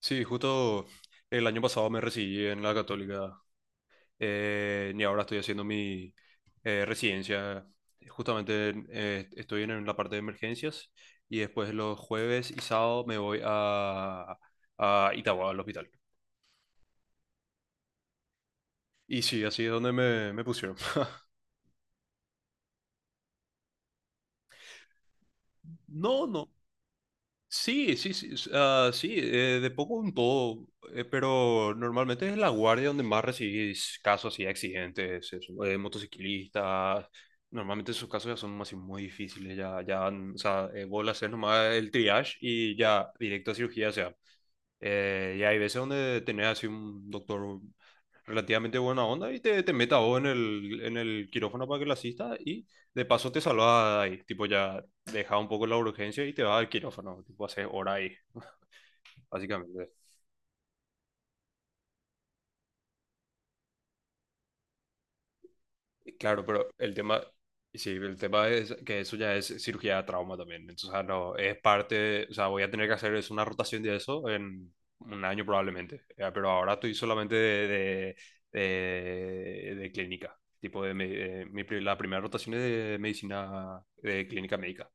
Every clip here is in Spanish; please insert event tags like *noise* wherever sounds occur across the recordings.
Sí, justo el año pasado me recibí en la Católica, y ahora estoy haciendo mi residencia. Justamente estoy en la parte de emergencias y después los jueves y sábado me voy a Itagua, al hospital. Y sí, así es donde me pusieron. *laughs* No, no. Sí, sí, sí, ah, sí, de poco en todo, pero normalmente es en la guardia donde más recibís casos así de accidentes, eso, motociclistas, normalmente esos casos ya son así muy difíciles, ya, ya, o sea, vos le haces nomás el triage y ya directo a cirugía. O sea, y hay veces donde tenés así un doctor relativamente buena onda y te meta a vos en el quirófano para que le asista, y de paso te salvas ahí. Tipo, ya deja un poco la urgencia y te vas al quirófano. Tipo, haces hora ahí, básicamente. Claro, pero el tema, sí, el tema es que eso ya es cirugía de trauma también. Entonces, o sea, no, es parte, o sea, voy a tener que hacer es una rotación de eso en un año probablemente. Ya. Pero ahora estoy solamente de clínica. Tipo, de, me- de mi, pri- la primera rotación es de medicina, de clínica médica.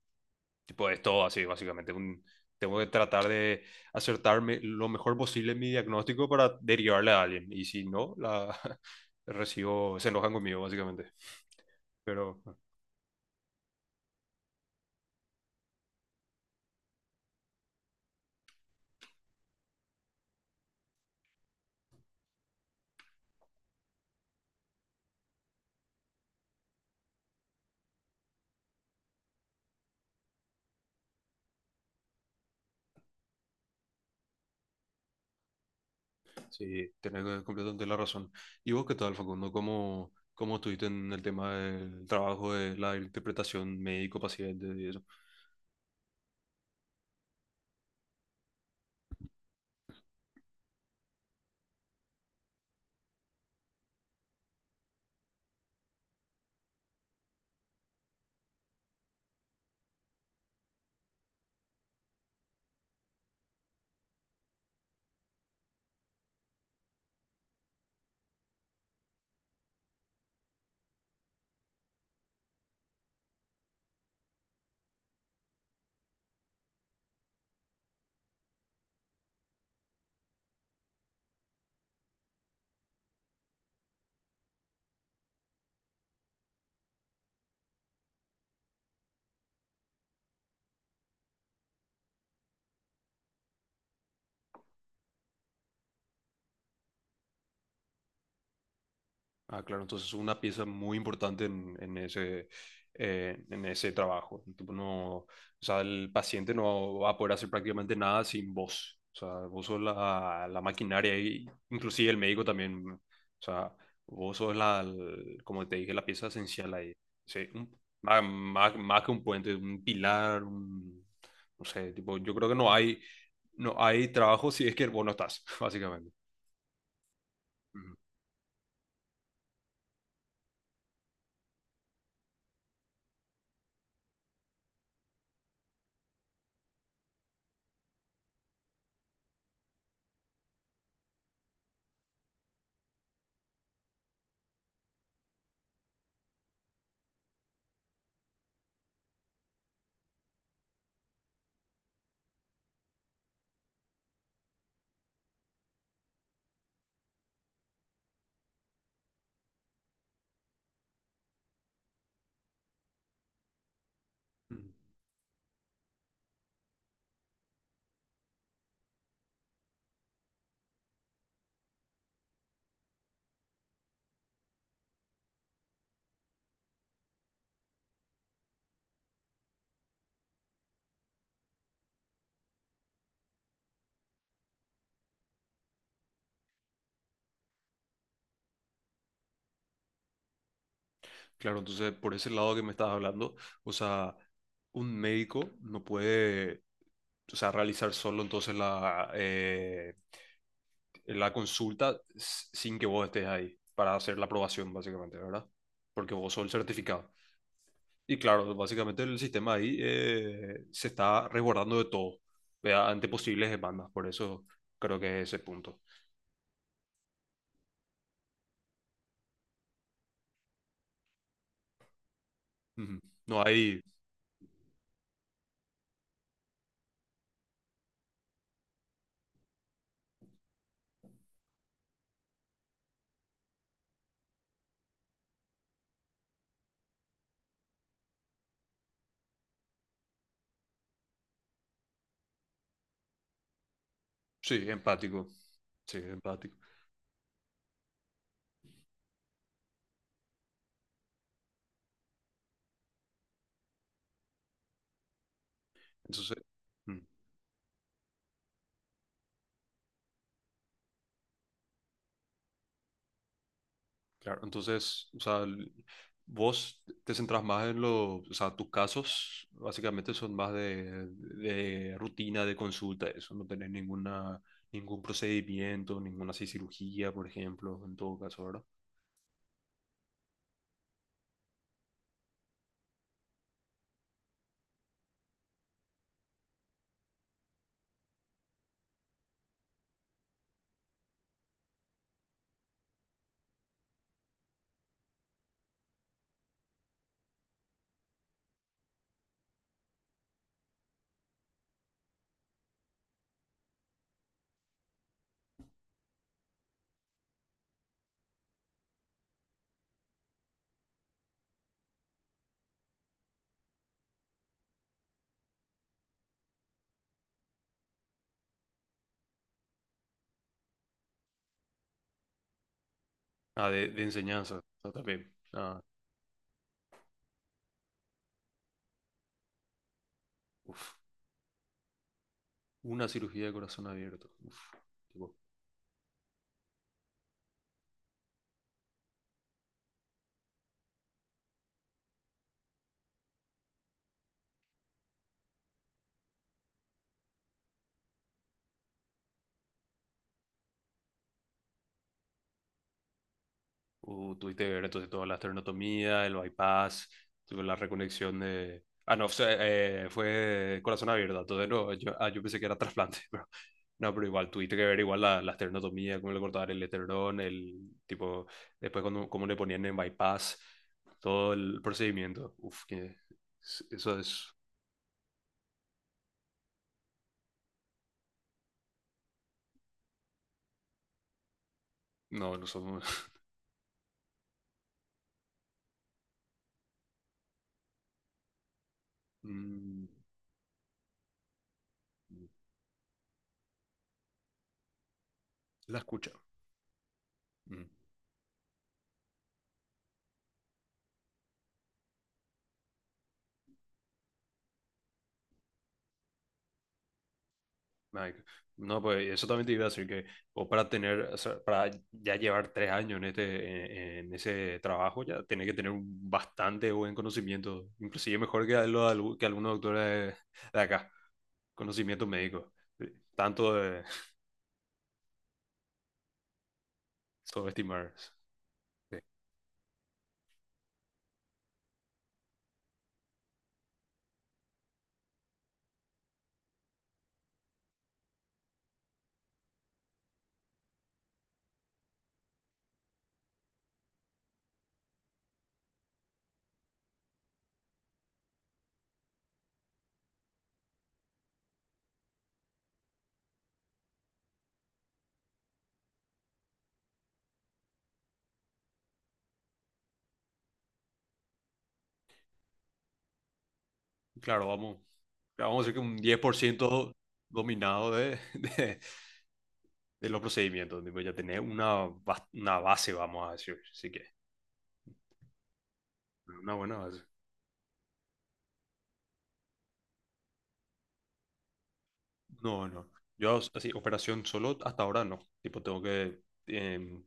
Tipo, es todo así, básicamente. Tengo que tratar de acertarme lo mejor posible en mi diagnóstico para derivarle a alguien. Y si no, la *laughs* recibo, se enojan conmigo, básicamente. Pero sí, tenés completamente la razón. ¿Y vos qué tal, Facundo? ¿Cómo estuviste en el tema del trabajo de la interpretación médico-paciente y eso? Ah, claro, entonces es una pieza muy importante en ese trabajo. Tipo, no, o sea, el paciente no va a poder hacer prácticamente nada sin vos. O sea, vos sos la maquinaria y inclusive el médico también. O sea, vos sos como te dije, la pieza esencial ahí. Sí. Más, más que un puente, un pilar. No sé, tipo, yo creo que no hay trabajo si es que vos no estás, *laughs* básicamente. Ujú. Claro, entonces por ese lado que me estabas hablando, o sea, un médico no puede, o sea, realizar solo entonces la consulta sin que vos estés ahí para hacer la aprobación, básicamente, ¿verdad? Porque vos sos el certificado. Y claro, básicamente el sistema ahí se está resguardando de todo, ¿verdad?, ante posibles demandas. Por eso creo que es ese punto. Ujú. No hay. Sí, empático. Sí, empático. Entonces, Claro, entonces, o sea, vos te centras más en los, o sea, tus casos básicamente son más de rutina, de consulta, eso. No tenés ningún procedimiento, ninguna así cirugía, por ejemplo, en todo caso, ¿verdad? Ah, de enseñanza, o sea, también. Ah, uf, una cirugía de corazón abierto. Uf, tipo. Tuviste que ver entonces toda la esternotomía, el bypass, tuve la reconexión de... Ah, no. o Fue corazón abierto, entonces no, yo pensé que era trasplante, *laughs* pero no, pero igual tuviste que ver igual la esternotomía, cómo le cortaban el esternón, el tipo, después cómo le ponían en bypass, todo el procedimiento. Uf, que eso es... No, no somos... *laughs* Mm, la escucha. Mm. Mike. No, pues eso también te iba a decir que vos, para tener, o sea, para ya llevar 3 años en este, en ese trabajo, ya tenés que tener un bastante buen conocimiento, inclusive mejor que algunos doctores de acá, conocimiento médico, tanto de... Subestimar. Sí. Claro, vamos a decir que un 10% dominado *laughs* de los procedimientos, tipo, ya tenés una base, vamos a decir, así que una buena base. No, no. Yo así, operación solo hasta ahora no. Tipo, tengo que.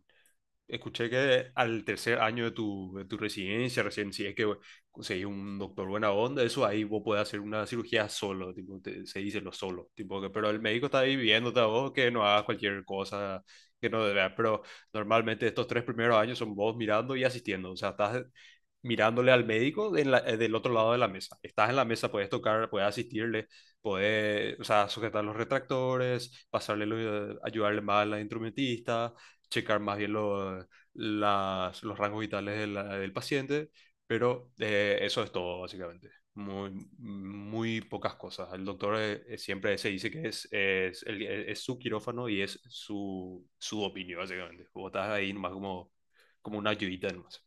Escuché que al tercer año de tu residencia, recién si es que conseguís un doctor buena onda, eso ahí vos podés hacer una cirugía solo. Tipo, se dice lo solo, tipo que, pero el médico está ahí viéndote a vos que no hagas cualquier cosa que no debas. Pero normalmente estos 3 primeros años son vos mirando y asistiendo, o sea, estás mirándole al médico en del otro lado de la mesa, estás en la mesa, puedes tocar, puedes asistirle, puedes, o sea, sujetar los retractores, pasarle, ayudarle más a la instrumentista, checar más bien los rangos vitales del paciente, pero eso es todo, básicamente. Muy, muy pocas cosas. El doctor siempre se dice que es su quirófano y es su opinión, básicamente. Vos estás ahí nomás como, una ayudita nomás.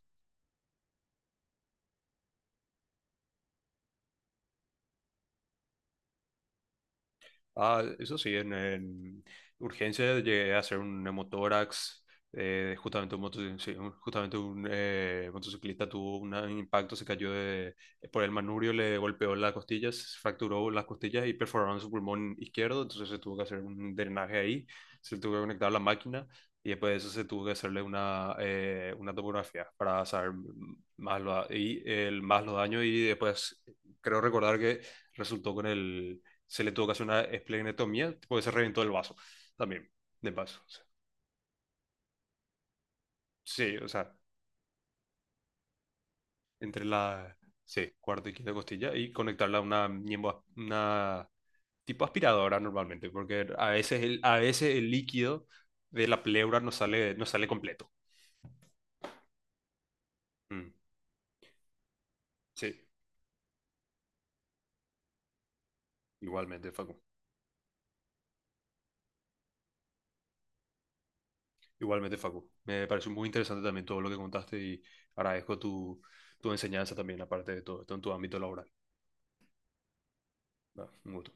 Ah, eso sí, en urgencia llegué a hacer un hemotórax. Justamente un, sí, justamente un, motociclista tuvo un impacto, se cayó por el manubrio, le golpeó las costillas, se fracturó las costillas y perforaron su pulmón izquierdo. Entonces se tuvo que hacer un drenaje ahí, se tuvo que conectar la máquina y después de eso se tuvo que hacerle una tomografía para saber más los daños. Y después creo recordar que resultó con el se le tuvo que hacer una esplenectomía porque se reventó el vaso también, de paso. Sí, o sea, entre la, sí, cuarta y quinta costilla, y conectarla a una tipo aspiradora normalmente, porque a veces el líquido de la pleura no sale, no sale completo. Mm, sí, igualmente, Facu. Igualmente, Facu. Me pareció muy interesante también todo lo que contaste y agradezco tu enseñanza también, aparte de todo esto, en tu ámbito laboral. Ah, un gusto.